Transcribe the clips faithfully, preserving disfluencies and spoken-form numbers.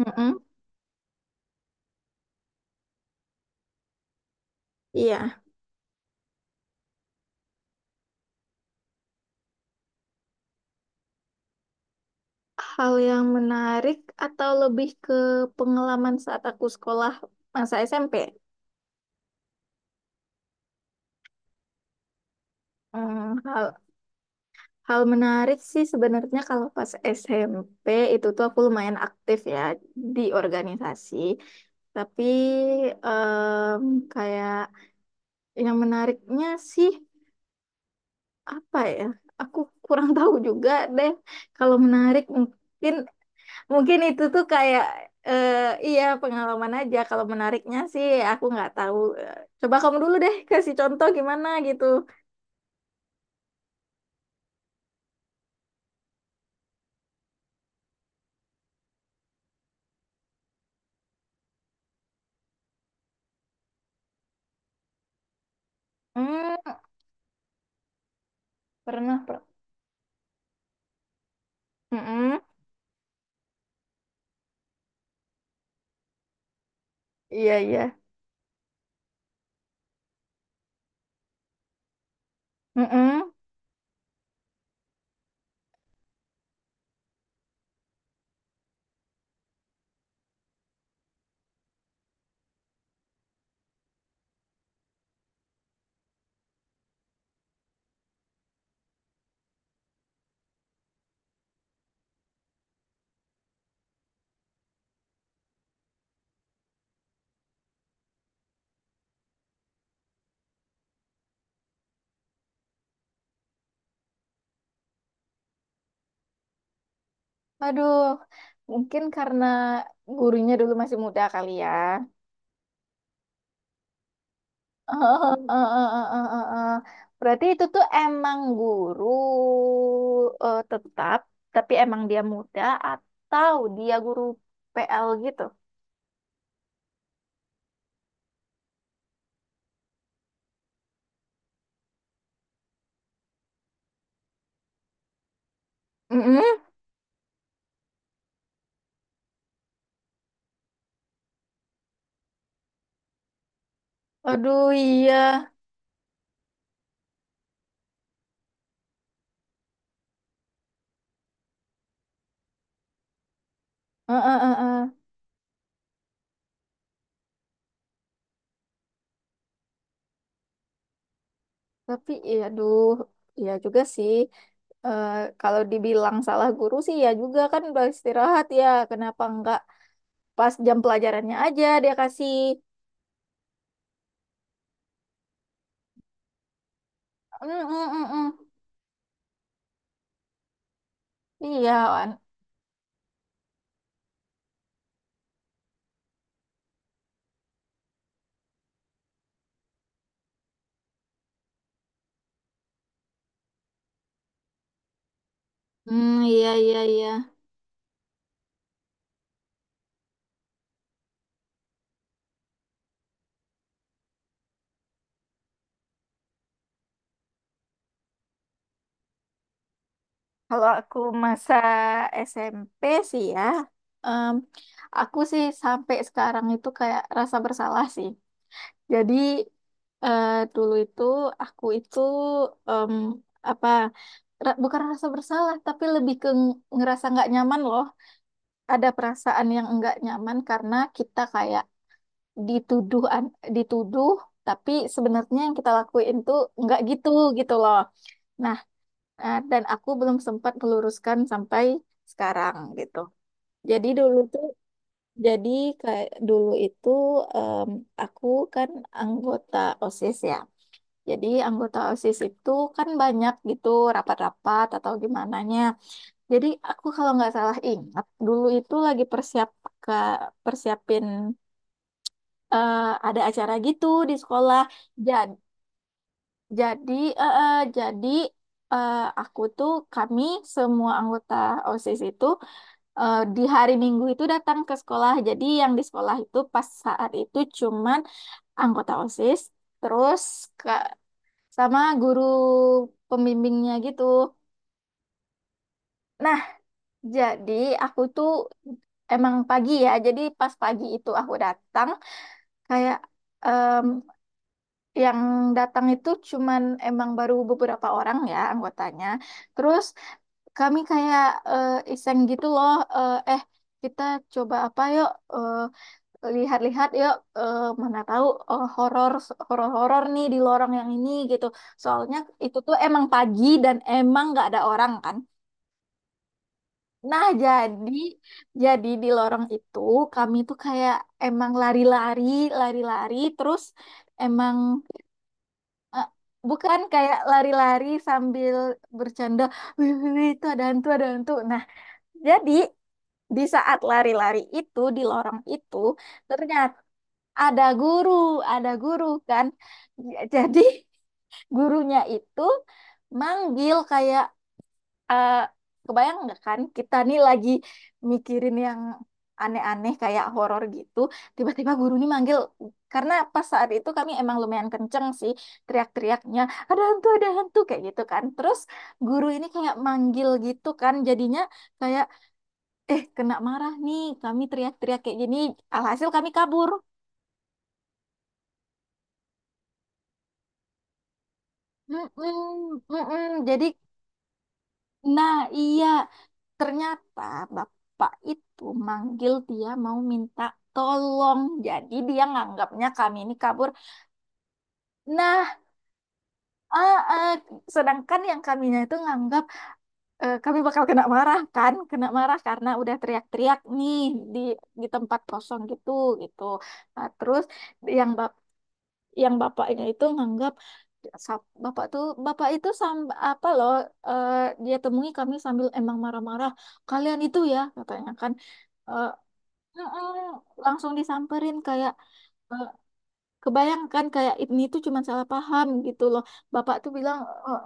Mm-mm. Iya. Hal yang menarik atau lebih ke pengalaman saat aku sekolah masa S M P? Hmm, hal hal menarik sih sebenarnya kalau pas S M P itu tuh aku lumayan aktif ya di organisasi. Tapi em, kayak yang menariknya sih apa ya? Aku kurang tahu juga deh. Kalau menarik mungkin Mungkin itu tuh kayak eh, iya pengalaman aja. Kalau menariknya sih aku nggak tahu. Eh, Coba kamu dulu deh kasih contoh gimana gitu. Hmm, pernah. Per Mm-mm. Iya, iya. Mm-mm. Aduh, mungkin karena gurunya dulu masih muda kali ya. Oh, oh, oh, oh, oh, oh, oh. Berarti itu tuh emang guru eh, tetap, tapi emang dia muda atau dia guru P L gitu? Aduh, iya. Eh, eh, eh, eh. Tapi iya, aduh, iya juga sih. Eh, kalau dibilang salah guru sih ya juga kan udah istirahat ya. Kenapa enggak pas jam pelajarannya aja dia kasih. Mm, mm, mm, mm. Iya, Wan. Hmm, iya, iya, iya. Kalau aku masa S M P sih ya, em, aku sih sampai sekarang itu kayak rasa bersalah sih. Jadi Eh, dulu itu aku itu em, apa ra- bukan rasa bersalah, tapi lebih ke ng- ngerasa nggak nyaman loh. Ada perasaan yang nggak nyaman karena kita kayak dituduh an- dituduh, tapi sebenarnya yang kita lakuin tuh nggak gitu gitu loh. Nah, eh, dan aku belum sempat meluruskan sampai sekarang gitu. Jadi dulu tuh jadi kayak dulu itu em, aku kan anggota OSIS ya. Jadi anggota OSIS itu kan banyak gitu rapat-rapat atau gimananya. Jadi aku kalau nggak salah ingat, dulu itu lagi persiap ke persiapin eh, ada acara gitu di sekolah. Jadi jadi eh, eh, jadi eh, aku tuh kami semua anggota OSIS itu eh, di hari Minggu itu datang ke sekolah. Jadi yang di sekolah itu pas saat itu cuman anggota OSIS, terus ke sama guru pembimbingnya gitu. Nah, jadi aku tuh emang pagi ya. Jadi pas pagi itu aku datang, kayak em, yang datang itu cuman emang baru beberapa orang ya anggotanya. Terus kami kayak eh, iseng gitu loh, eh eh, kita coba apa yuk, eh, lihat-lihat yuk, eh, mana tahu, eh, horor horor-horor nih di lorong yang ini gitu. Soalnya itu tuh emang pagi dan emang nggak ada orang kan. Nah, jadi jadi di lorong itu kami tuh kayak emang lari-lari, lari-lari terus emang eh, bukan kayak lari-lari sambil bercanda, wih, wih, wih, itu ada hantu, ada hantu. Nah, jadi di saat lari-lari itu di lorong itu ternyata ada guru, ada guru kan. Jadi gurunya itu manggil, kayak eh, kebayang nggak kan kita nih lagi mikirin yang aneh-aneh kayak horor gitu. Tiba-tiba guru nih manggil. Karena pas saat itu kami emang lumayan kenceng sih teriak-teriaknya, ada hantu ada hantu kayak gitu kan. Terus guru ini kayak manggil gitu kan, jadinya kayak eh kena marah nih kami teriak-teriak kayak gini, alhasil kami kabur. Mm-mm, mm-mm. Jadi, nah, iya, ternyata bapak itu manggil dia mau minta tolong. Jadi dia nganggapnya kami ini kabur. Nah, ah, ah, sedangkan yang kaminya itu nganggap eh, kami bakal kena marah kan, kena marah karena udah teriak-teriak nih di di tempat kosong gitu gitu. Nah, terus yang bap yang bapaknya itu nganggap sa- bapak tuh bapak itu sam apa loh eh, dia temui kami sambil emang marah-marah, kalian itu ya katanya kan. Eh, "Mm-mm," langsung disamperin, kayak eh, kebayangkan kayak ini tuh cuma salah paham gitu loh. Bapak tuh bilang, "Eh,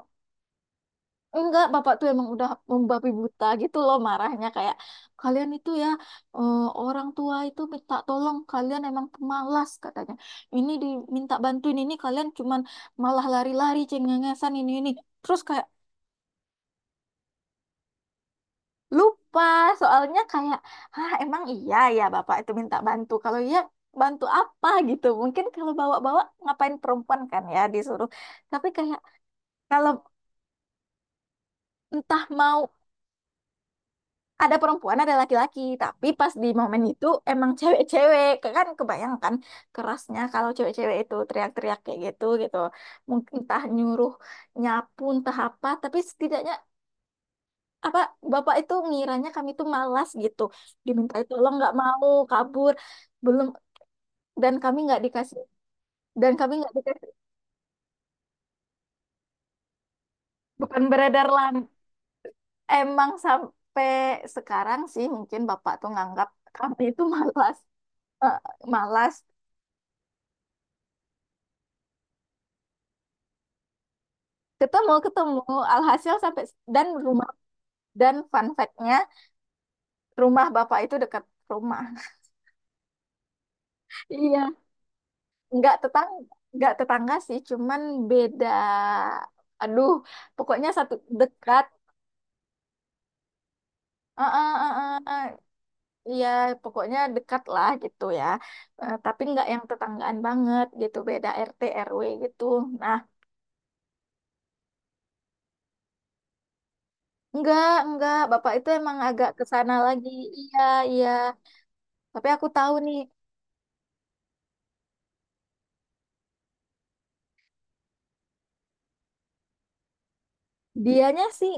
Enggak, bapak tuh emang udah membabi buta gitu loh marahnya, kayak kalian itu ya, eh, orang tua itu minta tolong kalian emang pemalas katanya. Ini diminta bantuin ini kalian cuman malah lari-lari cengengesan ini ini. Terus kayak lupa, soalnya kayak ah emang iya ya bapak itu minta bantu. Kalau iya bantu apa gitu. Mungkin kalau bawa-bawa, ngapain perempuan kan ya disuruh. Tapi kayak kalau entah mau ada perempuan ada laki-laki, tapi pas di momen itu emang cewek-cewek. Ke- kan kebayangkan kerasnya kalau cewek-cewek itu teriak-teriak kayak gitu gitu, mungkin entah nyuruh nyapu entah apa, tapi setidaknya apa, bapak itu ngiranya kami itu malas gitu, diminta tolong nggak mau, kabur. Belum, dan kami nggak dikasih dan kami nggak dikasih. Bukan beredar lan Emang sampai sekarang sih mungkin bapak tuh nganggap kami itu malas. eh, Malas ketemu ketemu. Alhasil sampai, dan rumah, dan fun fact-nya rumah bapak itu dekat rumah. Iya, nggak tetang nggak tetangga sih, cuman beda, aduh, pokoknya satu dekat. Eh, eh, eh, eh, eh. Iya, pokoknya dekat lah gitu ya. Eh, tapi nggak yang tetanggaan banget gitu, beda R T R W gitu, nah nggak nggak bapak itu emang agak ke sana lagi. Iya, iya, tapi aku tahu nih, dianya sih.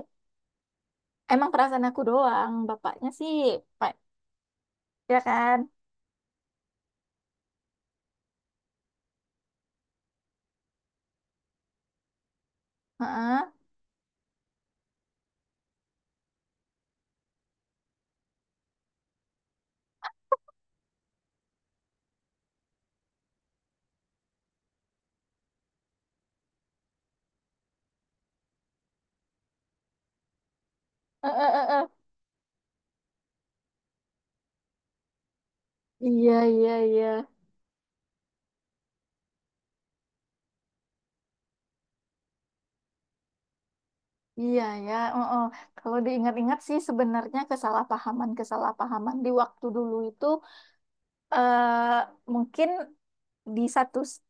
Emang perasaan aku doang, bapaknya sih, Pak, ya kan? Heeh. Eh, eh, eh, eh. Iya, iya, iya. Iya ya, oh, oh. Kalau diingat-ingat sih sebenarnya kesalahpahaman-kesalahpahaman di waktu dulu itu eh mungkin di satu s-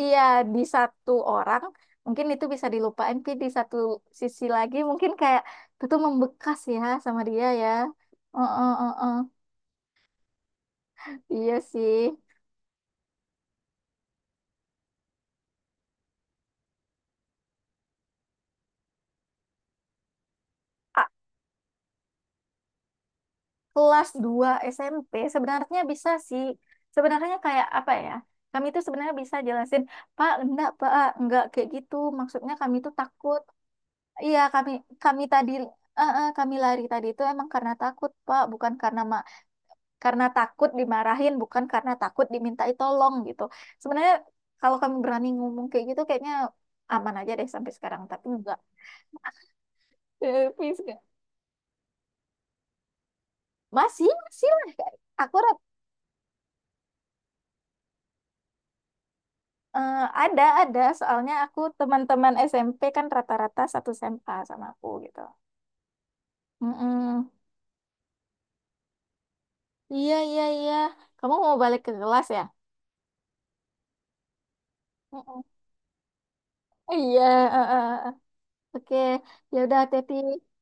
iya di satu orang mungkin itu bisa dilupain, tapi di satu sisi lagi mungkin kayak itu tuh membekas ya sama dia ya. Oh, oh, oh, oh. Iya sih. Kelas dua S M P sebenarnya bisa sih. Sebenarnya kayak apa ya? Kami itu sebenarnya bisa jelasin, Pak, enggak, Pak, enggak kayak gitu. Maksudnya kami itu takut. Iya, kami kami tadi eh, eh, kami lari tadi itu emang karena takut, Pak, bukan karena ma karena takut dimarahin, bukan karena takut dimintai tolong gitu. Sebenarnya kalau kami berani ngomong kayak gitu kayaknya aman aja deh sampai sekarang, tapi enggak. Eh, please, enggak. Masih, masih lah. Aku Eh, ada, ada. Soalnya aku teman-teman S M P kan rata-rata satu S M A sama aku gitu. Mm-mm. Iya, iya, iya. Kamu mau balik ke kelas ya? Mm-mm. Iya. eh, eh, eh. Oke. Ya udah, Teti.